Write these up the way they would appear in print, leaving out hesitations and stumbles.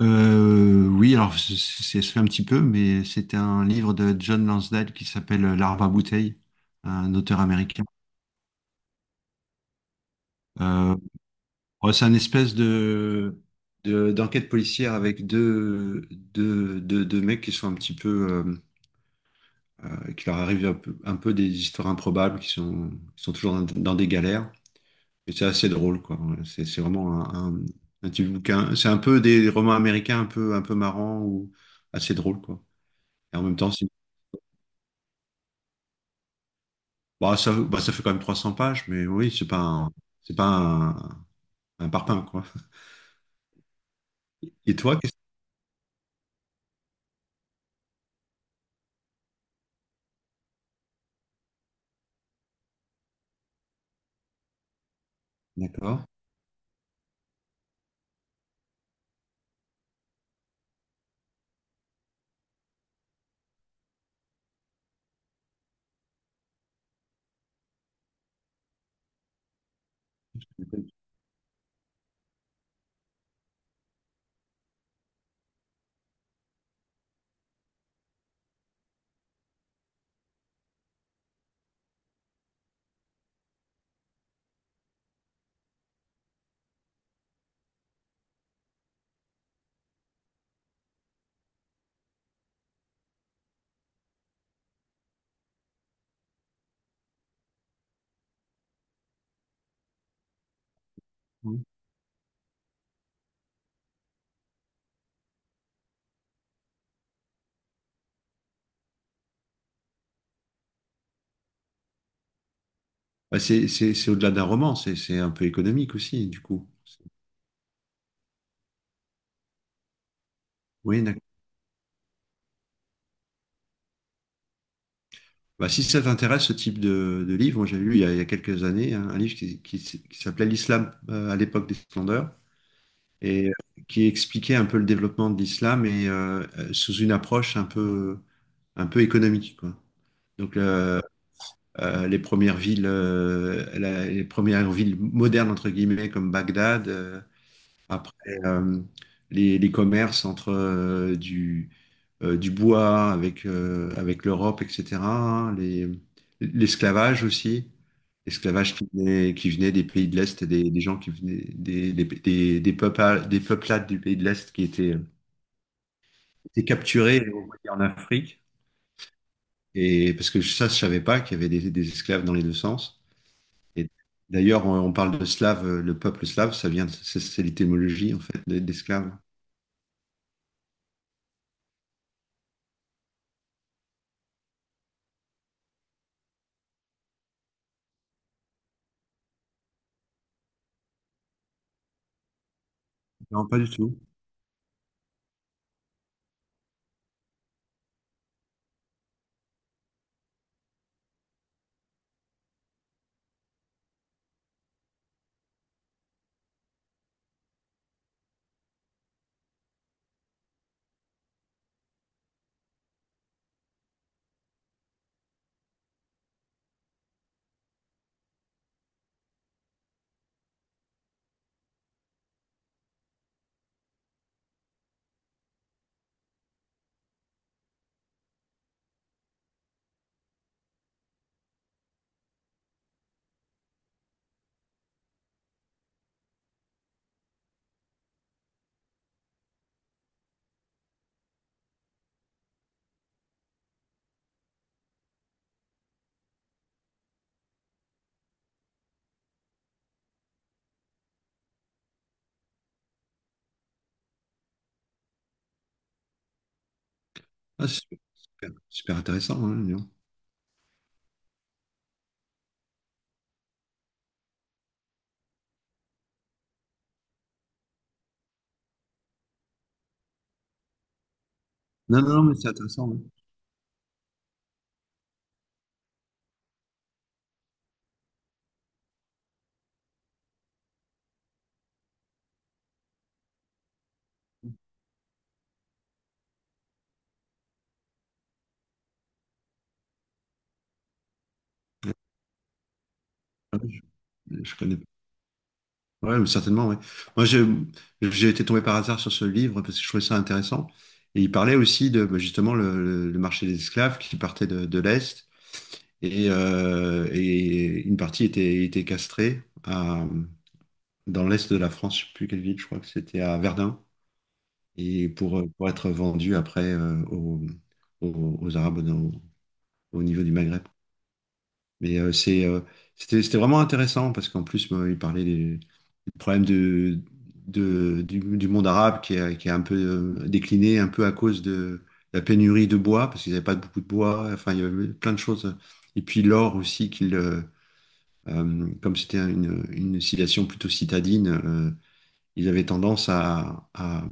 Oui, alors ça fait un petit peu, mais c'était un livre de John Lansdale qui s'appelle L'arbre à bouteille, un auteur américain. Euh, ouais, c'est un espèce d'enquête policière avec deux mecs qui sont un petit peu, qui leur arrivent un peu, des histoires improbables, qui sont toujours dans des galères. Et c'est assez drôle, quoi. C'est vraiment un petit bouquin. C'est un peu des romans américains un peu, marrants ou assez drôles, quoi. Et en même temps, bah, ça fait quand même 300 pages, mais oui, c'est pas un parpaing, quoi. Et toi, d'accord. Oui. Bah, c'est au-delà d'un roman, c'est un peu économique aussi, du coup. Oui, d'accord. Bah, si ça t'intéresse, ce type de livre, moi j'ai lu il y a quelques années un livre qui s'appelait L'Islam, à l'époque des splendeurs et, qui expliquait un peu le développement de l'islam et, sous une approche un peu, économique, quoi. Donc, les premières villes, les premières villes modernes entre guillemets comme Bagdad. Après, les commerces entre du bois avec avec l'Europe, etc., hein, les l'esclavage aussi. L'esclavage qui venait des pays de l'Est, des gens qui venaient des peuplades du pays de l'Est étaient capturés et envoyés en Afrique. Et parce que ça, je savais pas qu'il y avait des esclaves dans les deux sens. Et d'ailleurs, on parle de slave, le peuple slave, c'est l'étymologie en fait d'esclaves. Non, pas du tout. Ah, c'est super, super, super intéressant. Hein, dis donc. Non, non, non, mais c'est intéressant. Ouais. Ah oui, je connais pas. Ouais, mais certainement. Oui. Moi, j'ai été tombé par hasard sur ce livre parce que je trouvais ça intéressant. Et il parlait aussi de bah, justement le marché des esclaves qui partait de l'Est et une partie était castrée dans l'Est de la France. Je sais plus quelle ville, je crois que c'était à Verdun. Et pour être vendu après aux Arabes au niveau du Maghreb. Mais c'était vraiment intéressant parce qu'en plus, moi, il parlait des problèmes du monde arabe qui a un peu décliné, un peu à cause de la pénurie de bois, parce qu'ils n'avaient pas beaucoup de bois, enfin, il y avait plein de choses. Et puis l'or aussi, comme c'était une citation plutôt citadine, ils avaient tendance à,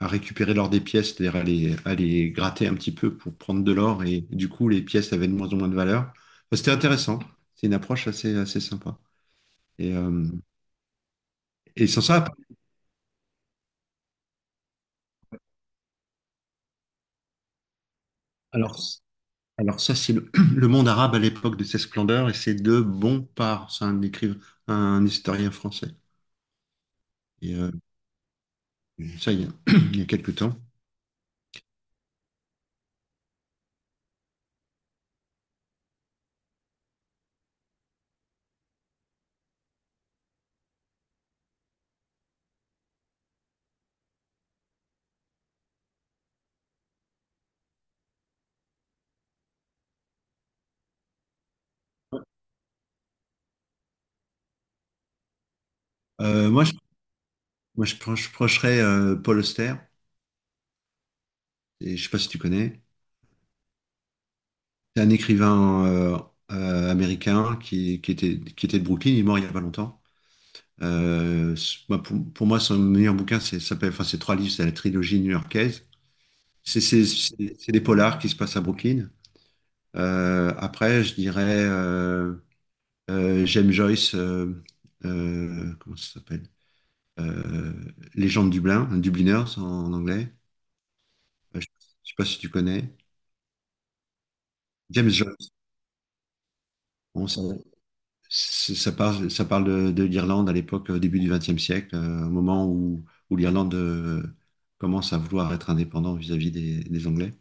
à récupérer l'or des pièces, c'est-à-dire à les gratter un petit peu pour prendre de l'or, et du coup, les pièces avaient de moins en moins de valeur. Enfin, c'était intéressant, c'est une approche assez sympa. Et, euh, et sans ça, alors, alors ça, c'est le monde arabe à l'époque de ses splendeurs, et c'est de Bompard, c'est un écrivain, un historien français. Et, ça, il y a quelques temps. Moi, procherais, Paul Auster, et je sais pas si tu connais. C'est un écrivain américain qui était de Brooklyn, il est mort il y a pas longtemps. Moi, pour moi, son meilleur bouquin, c'est ça s'appelle, enfin, c'est trois livres, c'est la trilogie new-yorkaise. C'est des polars qui se passent à Brooklyn. Après, je dirais, j'aime Joyce, comment ça s'appelle? Euh, Les gens de Dublin, Dubliners en anglais. Je ne sais pas si tu connais. James Joyce. Bon, ça parle de l'Irlande à l'époque, au début du XXe siècle, au moment où l'Irlande commence à vouloir être indépendante vis-à-vis des Anglais.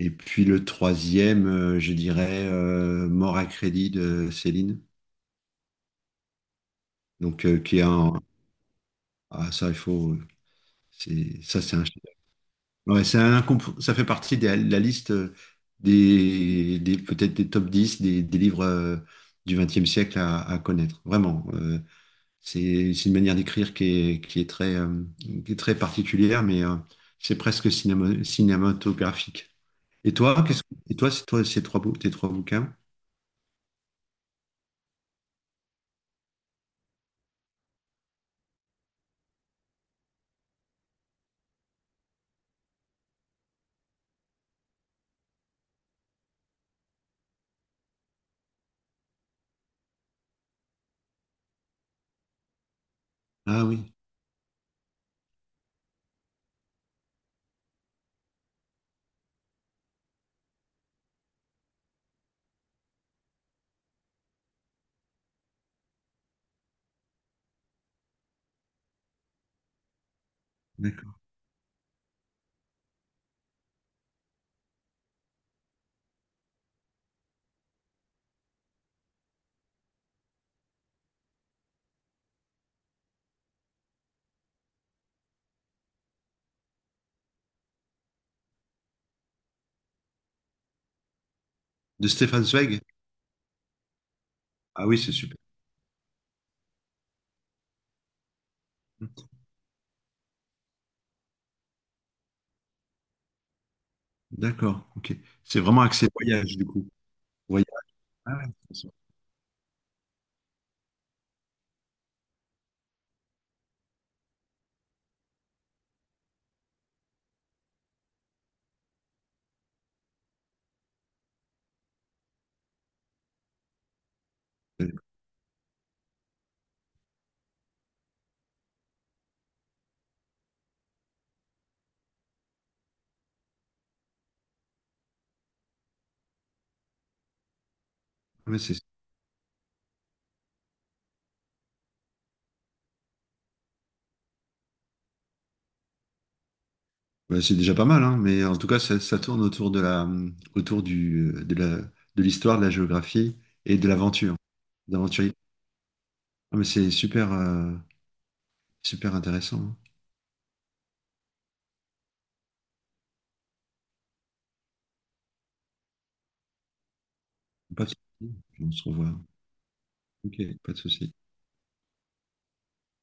Et puis le troisième, je dirais, Mort à crédit de Céline. Donc, qui est un. Ah, ça, il faut. Ça, c'est un. Ouais, ça fait partie de la liste peut-être des top 10 des livres du XXe siècle à connaître. Vraiment. C'est une manière d'écrire qui est très particulière, mais c'est presque cinématographique. Et toi, qu'est-ce que- et toi, c'est toi, tes trois bouquins? Ah oui, d'accord. De Stefan Zweig? Ah oui, c'est super. D'accord, ok. C'est vraiment axé voyage, du coup. Voyage. Ah ouais, c'est ça. Ah ouais, c'est bah, c'est déjà pas mal, hein, mais en tout cas, ça tourne autour de la, autour du, de la, de l'histoire, de la géographie et de l'aventure, d'aventurier. Ah, mais c'est super, super intéressant. Pas de souci. On se revoit. Ok, pas de souci.